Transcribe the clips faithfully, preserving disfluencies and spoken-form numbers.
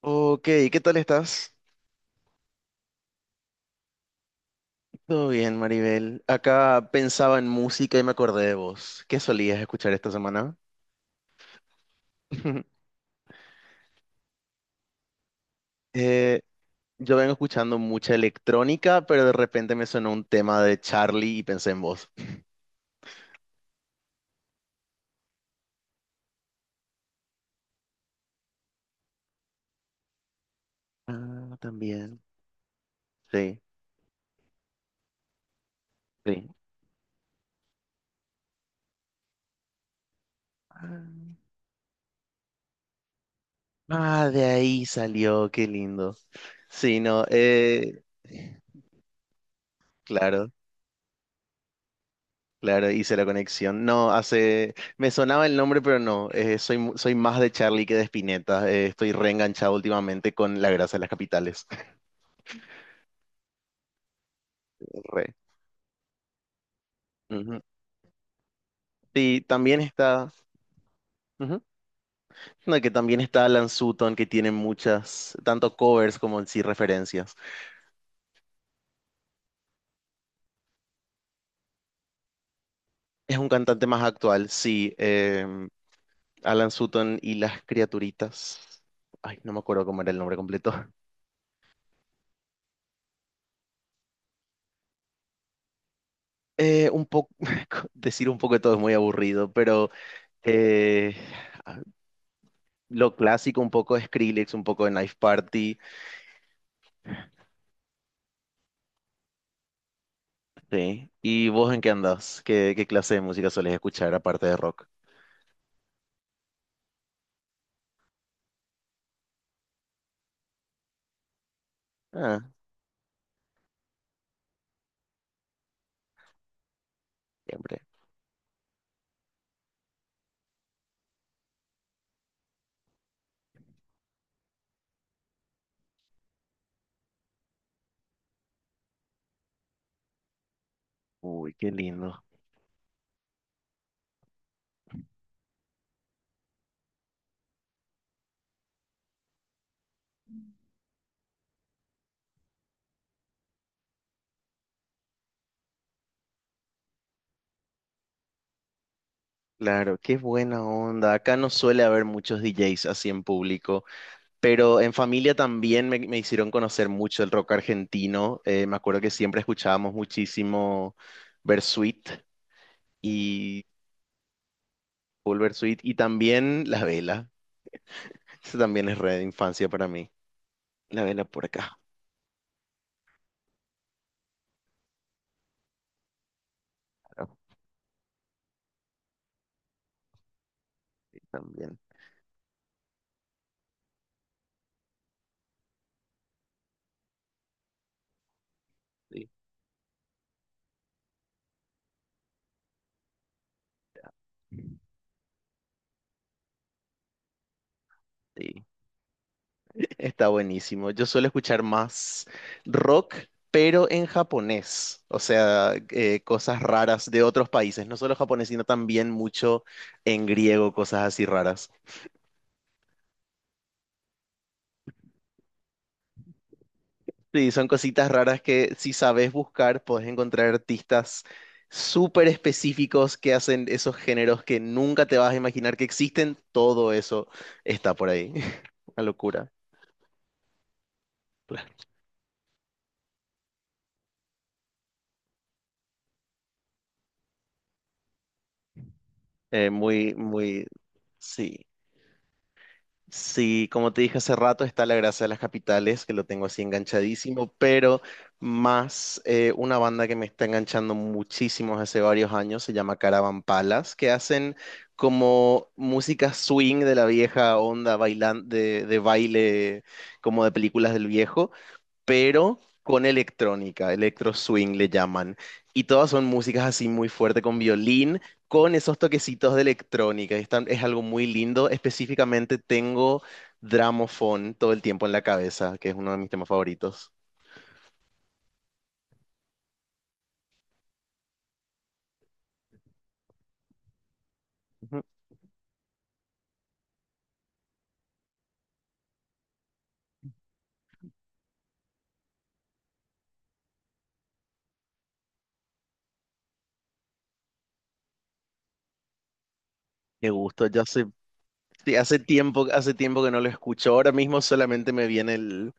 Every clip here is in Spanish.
Ok, ¿qué tal estás? Todo bien, Maribel. Acá pensaba en música y me acordé de vos. ¿Qué solías escuchar esta semana? Eh, yo vengo escuchando mucha electrónica, pero de repente me sonó un tema de Charlie y pensé en vos. Ah, también. Sí, sí. Ah, ah, de ahí salió, qué lindo. Sí, no, eh, claro. Claro, hice la conexión. No, hace. Me sonaba el nombre, pero no. Eh, soy, mu- soy más de Charlie que de Spinetta. Eh, estoy reenganchado últimamente con La Grasa de las Capitales. Re. Ujú. Sí, también está. Ujú. No, que también está Alan Sutton, que tiene muchas, tanto covers como en sí referencias. Es un cantante más actual, sí. em, Alan Sutton y las criaturitas. Ay, no me acuerdo cómo era el nombre completo. Eh, un poco, decir un poco de todo es muy aburrido, pero eh, lo clásico, un poco de Skrillex, un poco de Knife Party. Sí. ¿Y vos en qué andás? ¿Qué, qué clase de música solés escuchar aparte de rock? Ah, siempre. Uy, qué lindo. Claro, qué buena onda. Acá no suele haber muchos D Js así en público, pero en familia también me, me hicieron conocer mucho el rock argentino. Eh, me acuerdo que siempre escuchábamos muchísimo Bersuit y Paul Bersuit y también La Vela. Eso también es red de infancia para mí. La Vela por acá. Ah, sí, también. Sí, sí. Está buenísimo. Yo suelo escuchar más rock, pero en japonés. O sea, eh, cosas raras de otros países. No solo japonés, sino también mucho en griego, cosas así raras. Sí, son cositas raras que si sabes buscar, podés encontrar artistas súper específicos que hacen esos géneros que nunca te vas a imaginar que existen. Todo eso está por ahí. Una locura. Claro. Eh, muy, muy... Sí. Sí, como te dije hace rato, está La Grasa de las Capitales, que lo tengo así enganchadísimo, pero más eh, una banda que me está enganchando muchísimo hace varios años, se llama Caravan Palace, que hacen como música swing de la vieja onda bailan de, de baile como de películas del viejo pero con electrónica, electro swing le llaman. Y todas son músicas así muy fuerte con violín, con esos toquecitos de electrónica. Están- es algo muy lindo. Específicamente tengo Dramofón todo el tiempo en la cabeza, que es uno de mis temas favoritos. Ujú. Qué gusto, ya hace, sí, hace tiempo, hace tiempo que no lo escucho. Ahora mismo solamente me viene el,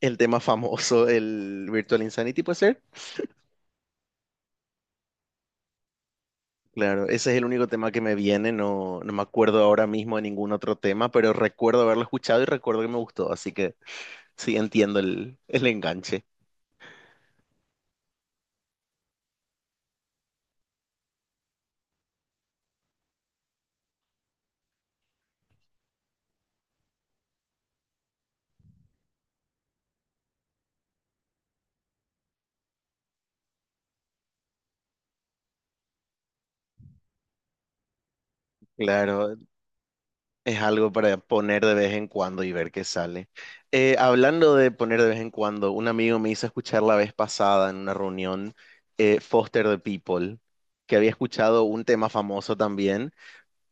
el tema famoso, el Virtual Insanity, ¿puede ser? Claro, ese es el único tema que me viene, no, no me acuerdo ahora mismo de ningún otro tema, pero recuerdo haberlo escuchado y recuerdo que me gustó, así que sí entiendo el, el enganche. Claro, es algo para poner de vez en cuando y ver qué sale. Eh, hablando de poner de vez en cuando, un amigo me hizo escuchar la vez pasada en una reunión eh, Foster the People, que había escuchado un tema famoso también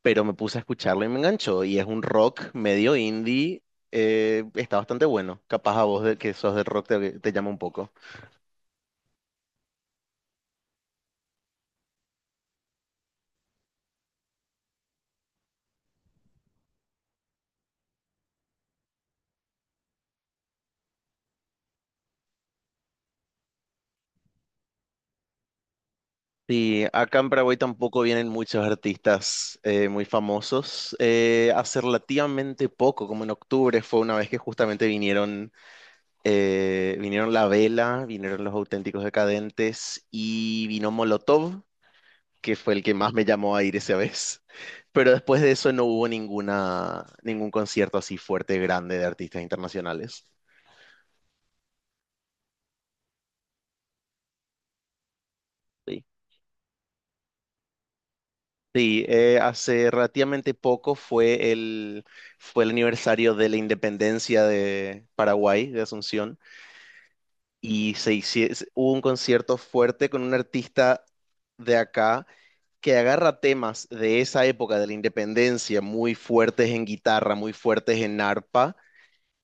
pero me puse a escucharlo y me enganchó. Y es un rock medio indie, eh, está bastante bueno. Capaz a vos de, que sos del rock te, te llama un poco. Sí, acá en Paraguay tampoco vienen muchos artistas eh, muy famosos. Eh, hace relativamente poco, como en octubre, fue una vez que justamente vinieron, eh, vinieron La Vela, vinieron Los Auténticos Decadentes y vino Molotov. Que fue el que más me llamó a ir esa vez. Pero después de eso no hubo ninguna, ningún concierto así fuerte, grande de artistas internacionales. Sí, sí, eh, hace relativamente poco fue el, fue el aniversario de la independencia de Paraguay, de Asunción, y se hici- hubo un concierto fuerte con un artista de acá que agarra temas de esa época de la independencia, muy fuertes en guitarra, muy fuertes en arpa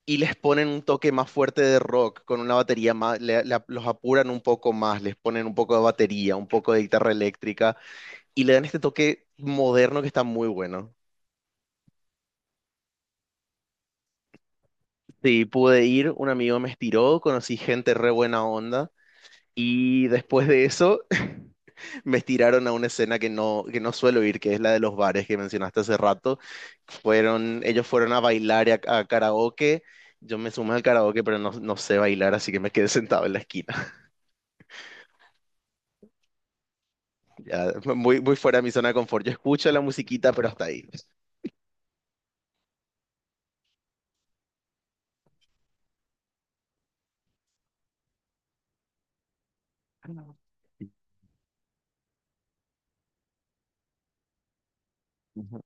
y les ponen un toque más fuerte de rock, con una batería más, le- le- los apuran un poco más, les ponen un poco de batería, un poco de guitarra eléctrica y le dan este toque moderno que está muy bueno. Sí, pude ir, un amigo me estiró, conocí gente re buena onda y después de eso me estiraron a una escena que no, que no suelo ir, que es la de los bares que mencionaste hace rato. Fueron, ellos fueron a bailar y a, a karaoke. Yo me sumé al karaoke, pero no, no sé bailar, así que me quedé sentado en la esquina. Ya, muy, muy fuera de mi zona de confort. Yo escucho la musiquita, pero hasta ahí. Ujú.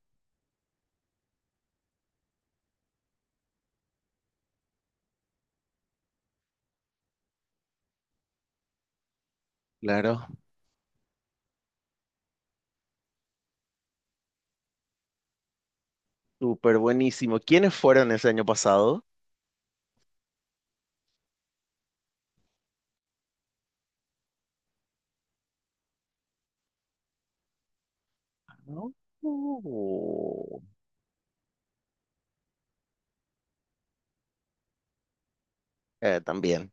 Claro, súper buenísimo. ¿Quiénes fueron ese año pasado? No. Uh, eh, también,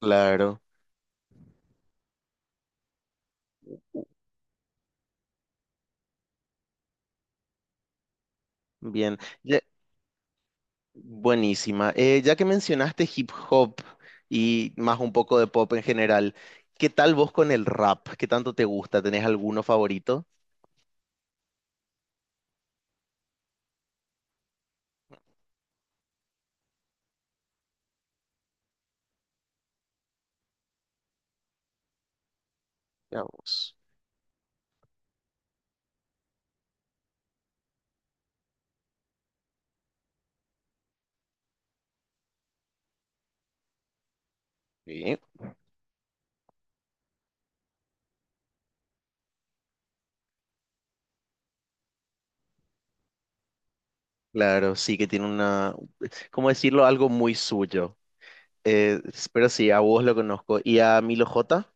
claro, bien. Ya- buenísima. Eh, ya que mencionaste hip hop y más un poco de pop en general, ¿qué tal vos con el rap? ¿Qué tanto te gusta? ¿Tenés alguno favorito? Veamos. Sí. Claro, sí que tiene una, ¿cómo decirlo? Algo muy suyo. Eh, pero sí, a vos lo conozco. ¿Y a Milo J?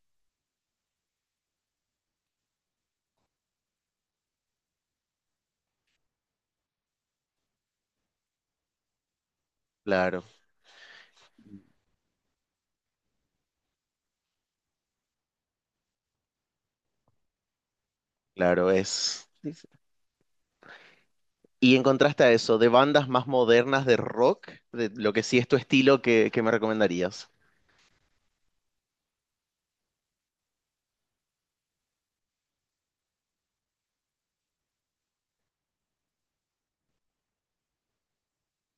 Claro, claro, es. Y en contraste a eso, de bandas más modernas de rock, de lo que sí es tu estilo, ¿qué, qué me recomendarías?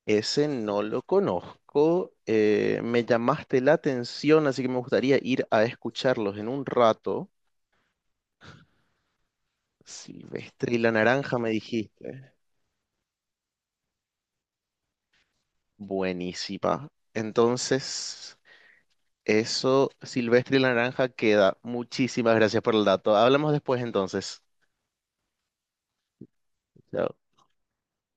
Ese no lo conozco. Eh, me llamaste la atención, así que me gustaría ir a escucharlos en un rato. Silvestre y la Naranja me dijiste. Buenísima. Entonces, eso, Silvestre y la Naranja queda. Muchísimas gracias por el dato. Hablamos después entonces. Chao.